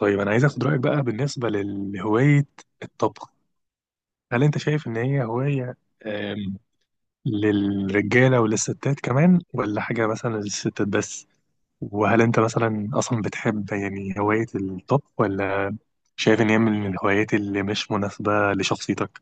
طيب، انا عايز اخد رايك بقى بالنسبه لهوايه الطبخ. هل انت شايف ان هي هوايه آم، للرجاله وللستات كمان، ولا حاجه مثلا للستات بس؟ وهل انت مثلا اصلا بتحب هوايه الطبخ، ولا شايف ان هي من الهوايات اللي مش مناسبه لشخصيتك؟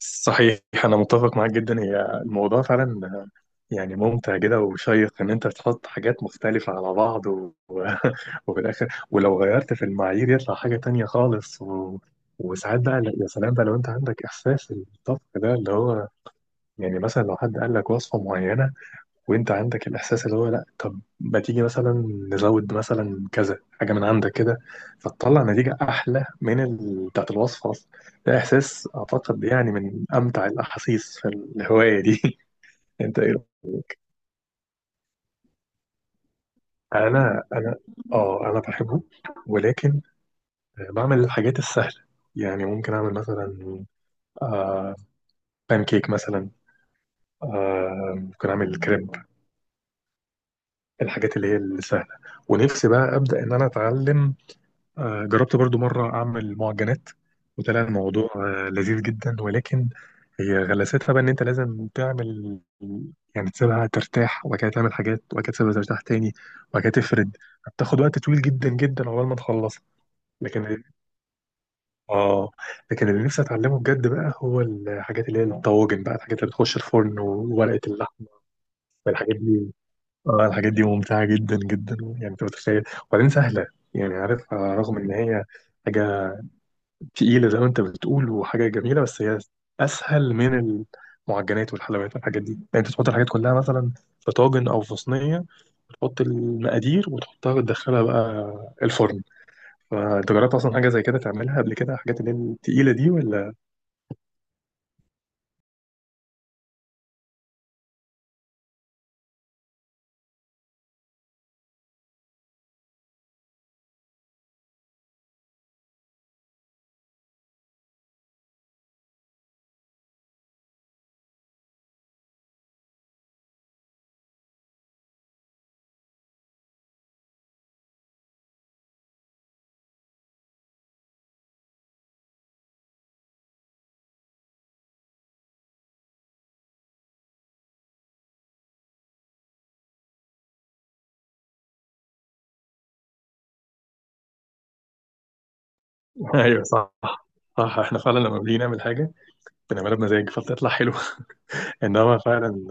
صحيح، أنا متفق معاك جدا. هي الموضوع فعلا يعني ممتع كده وشيق، إن أنت تحط حاجات مختلفة على بعض وفي الآخر ولو غيرت في المعايير يطلع حاجة تانية خالص، وساعات بقى يا سلام بقى لو أنت عندك إحساس الطبخ ده اللي هو يعني، مثلا لو حد قال لك وصفة معينة وانت عندك الاحساس اللي هو لا، طب ما تيجي مثلا نزود مثلا كذا حاجه من عندك كده، فتطلع نتيجه احلى من بتاعت الوصفه اصلا. ده احساس اعتقد يعني من امتع الاحاسيس في الهوايه دي. انت ايه رأيك؟ انا اه انا بحبه، ولكن بعمل الحاجات السهله. يعني ممكن اعمل مثلا آه بان كيك مثلا، ممكن اعمل كريب، الحاجات اللي هي السهله. ونفسي بقى ابدا ان انا اتعلم. جربت برضو مرة أعمل معجنات، وطلع الموضوع لذيذ جدا، ولكن هي غلاساتها بقى إن أنت لازم تعمل، يعني تسيبها ترتاح وبعد كده تعمل حاجات وبعد كده تسيبها ترتاح تاني وبعد كده تفرد. بتاخد وقت طويل جدا جدا عقبال ما تخلصها. لكن آه لكن اللي نفسي أتعلمه بجد بقى هو الحاجات اللي هي الطواجن بقى، الحاجات اللي بتخش الفرن وورقة اللحمة. الحاجات دي، الحاجات دي ممتعة جدا جدا، يعني أنت متخيل. وبعدين سهلة. يعني عارف، رغم إن هي حاجة تقيلة زي ما أنت بتقول وحاجة جميلة، بس هي أسهل من المعجنات والحلويات والحاجات دي. يعني أنت تحط الحاجات كلها مثلا في طاجن أو في صينية، وتحط المقادير وتحطها وتدخلها بقى الفرن. فأنت جربت أصلا حاجة زي كده تعملها قبل كده، الحاجات اللي هي التقيلة دي ولا؟ أيوه صح، صح. احنا فعلا لما بنيجي نعمل حاجة بنعملها بمزاج فبتطلع حلوة. إنما فعلا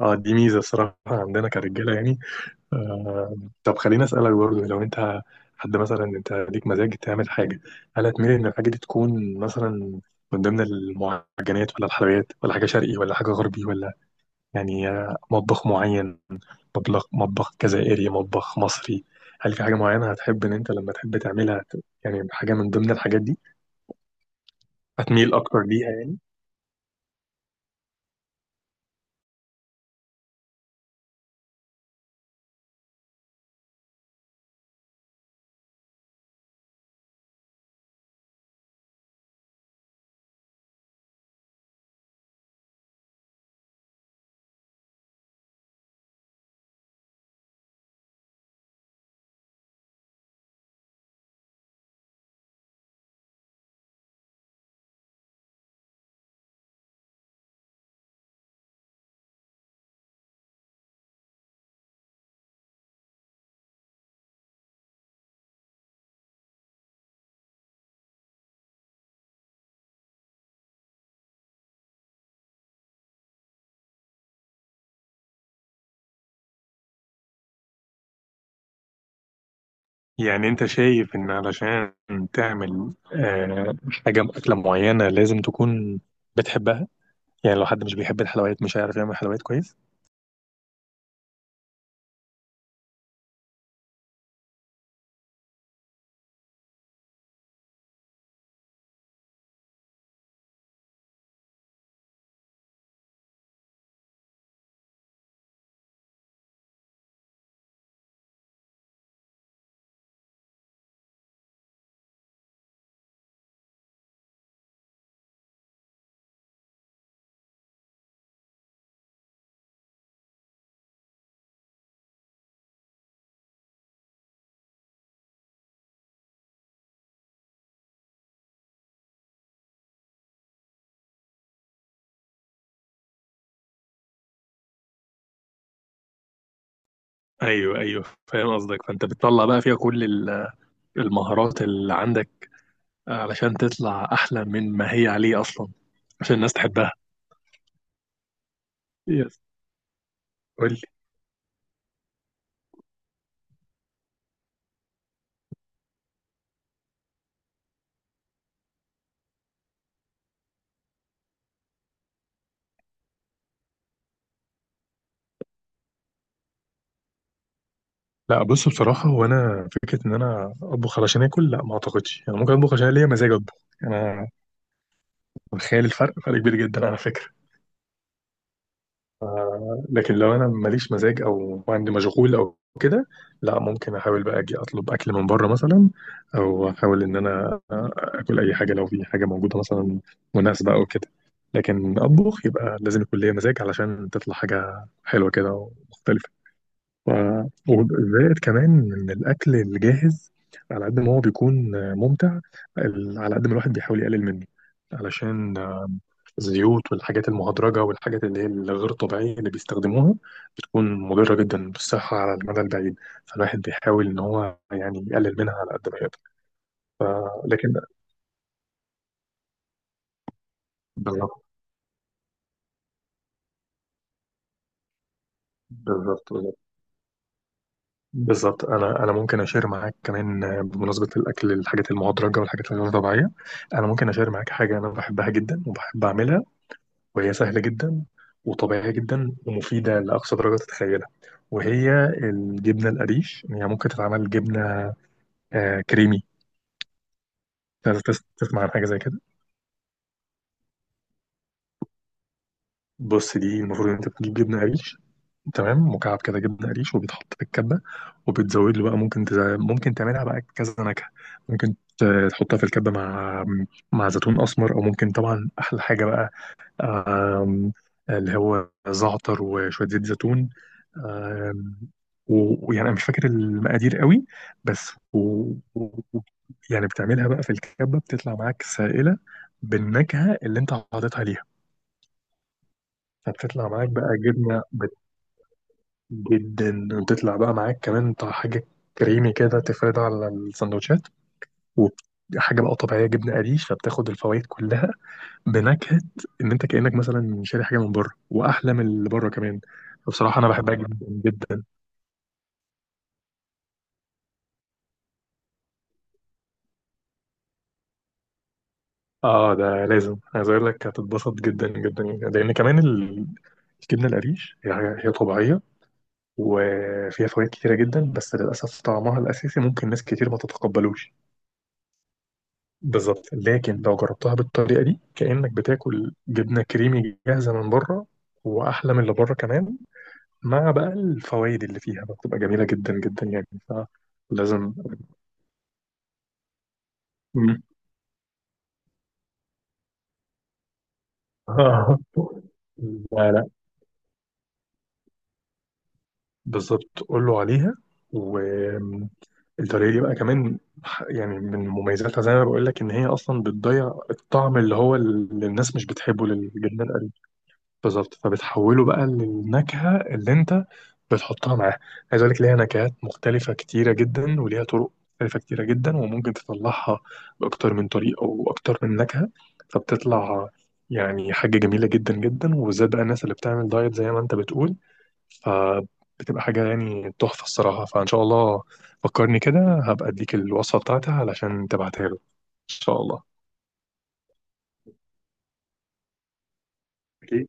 اه، دي ميزة الصراحة عندنا كرجالة يعني. آه، طب خليني اسالك برضه، لو انت حد مثلا انت ليك مزاج تعمل حاجه، هل هتميل ان الحاجه دي تكون مثلا من ضمن المعجنات ولا الحلويات، ولا حاجه شرقي ولا حاجه غربي، ولا يعني آه، مطبخ معين؟ مطبخ جزائري، مطبخ مصري؟ هل في حاجه معينه هتحب ان انت لما تحب تعملها يعني حاجه من ضمن الحاجات دي هتميل اكتر ليها يعني؟ يعني انت شايف ان علشان تعمل حاجه اكله معينه لازم تكون بتحبها؟ يعني لو حد مش بيحب الحلويات مش هيعرف يعمل حلويات كويس؟ ايوه ايوه، فاهم قصدك. فانت بتطلع بقى فيها كل المهارات اللي عندك علشان تطلع احلى من ما هي عليه اصلا، عشان الناس تحبها. يس، قول لي. لا، بص، بصراحة هو أنا فكرة إن أنا أطبخ علشان آكل، لا ما أعتقدش. يعني ممكن أطبخ عشان ليا مزاج أطبخ. أنا متخيل الفرق فرق كبير جدا على فكرة. لكن لو انا ماليش مزاج او عندي مشغول او كده، لا ممكن احاول بقى اجي اطلب اكل من بره مثلا، او احاول ان انا اكل اي حاجه لو في حاجه موجوده مثلا مناسبه او كده. لكن اطبخ يبقى لازم يكون ليا مزاج علشان تطلع حاجه حلوه كده ومختلفه. ف... وزائد كمان ان الاكل الجاهز على قد ما هو بيكون ممتع، على قد ما الواحد بيحاول يقلل منه، علشان الزيوت والحاجات المهدرجة والحاجات اللي هي الغير طبيعية اللي بيستخدموها بتكون مضرة جدا بالصحة على المدى البعيد. فالواحد بيحاول إن هو يعني يقلل منها على قد ما يقدر. لكن بالظبط، بالظبط، بالظبط. أنا ممكن أشير معاك كمان، بمناسبة الأكل الحاجات المهدرجة والحاجات الغير طبيعية، أنا ممكن أشير معاك حاجة أنا بحبها جدا وبحب أعملها، وهي سهلة جدا وطبيعية جدا ومفيدة لأقصى درجة تتخيلها. وهي الجبنة القريش. هي يعني ممكن تتعمل جبنة كريمي. أنت تسمع عن حاجه زي كده؟ بص، دي المفروض ان انت بتجيب جبنه قريش، تمام، مكعب كده جبنه قريش، وبيتحط في الكبه، وبتزود له بقى، ممكن ممكن تعملها بقى كذا نكهه. ممكن تحطها في الكبه مع زيتون اسمر، او ممكن طبعا احلى حاجه بقى، آم، اللي هو زعتر وشويه زيت زيتون. آم، ويعني انا مش فاكر المقادير قوي، بس و... و... يعني بتعملها بقى في الكبه، بتطلع معاك سائله بالنكهه اللي انت حاططها ليها. هتطلع معاك بقى جبنة جدا، وتطلع بقى معاك كمان بتاع حاجة كريمي كده تفردها على السندوتشات، وحاجة بقى طبيعية جبنة قريش، فبتاخد الفوائد كلها بنكهة، إن أنت كأنك مثلا شاري حاجة من بره، وأحلى من اللي بره كمان. فبصراحة أنا بحبها جدا جدا. آه ده لازم، عايز أقول لك هتتبسط جدا جدا، لأن كمان الجبنة القريش هي هي طبيعية وفيها فوائد كتيرة جدا، بس للأسف طعمها الأساسي ممكن ناس كتير ما تتقبلوش. بالظبط، لكن لو جربتها بالطريقه دي كانك بتاكل جبنه كريمي جاهزه من بره، واحلى من اللي بره كمان، مع بقى الفوائد اللي فيها بقى، بتبقى جميله جدا جدا يعني. فلازم. مم. لا لا، بالظبط قول له عليها. والطريقه دي بقى كمان يعني من مميزاتها، زي ما بقول لك، ان هي اصلا بتضيع الطعم اللي هو اللي الناس مش بتحبه للجبنه. بالظبط، فبتحوله بقى للنكهة اللي انت بتحطها معاه. عايز اقول لك، ليها نكهات مختلفة كتيرة جدا وليها طرق مختلفة كتيرة جدا، وممكن تطلعها بأكتر من طريقة وأكتر من نكهة. فبتطلع يعني حاجة جميلة جدا جدا، وبالذات بقى الناس اللي بتعمل دايت زي ما انت بتقول، فبتبقى حاجة يعني تحفة الصراحة. فإن شاء الله فكرني كده، هبقى اديك الوصفة بتاعتها علشان تبعتها له إن شاء الله. أكيد.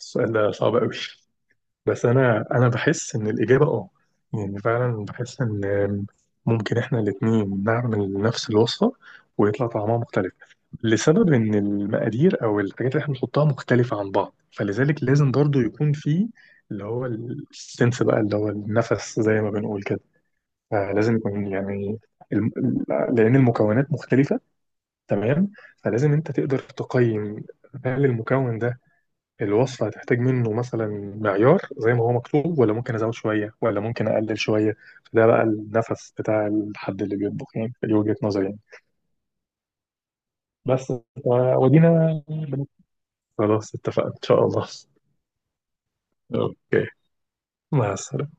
السؤال ده صعب قوي، بس انا بحس ان الاجابه اه، يعني فعلا بحس ان ممكن احنا الاثنين نعمل نفس الوصفه ويطلع طعمها مختلف، لسبب ان المقادير او الحاجات اللي احنا بنحطها مختلفه عن بعض. فلذلك لازم برضو يكون في اللي هو السنس بقى، اللي هو النفس زي ما بنقول كده. فلازم يكون يعني الم... لان المكونات مختلفه، تمام؟ فلازم انت تقدر تقيم، هل المكون ده الوصفة هتحتاج منه مثلا معيار زي ما هو مكتوب، ولا ممكن أزود شوية، ولا ممكن أقلل شوية؟ فده بقى النفس بتاع الحد اللي بيطبخ، يعني دي وجهة نظري يعني. بس ودينا، خلاص اتفقنا إن شاء الله. أوكي، مع السلامة.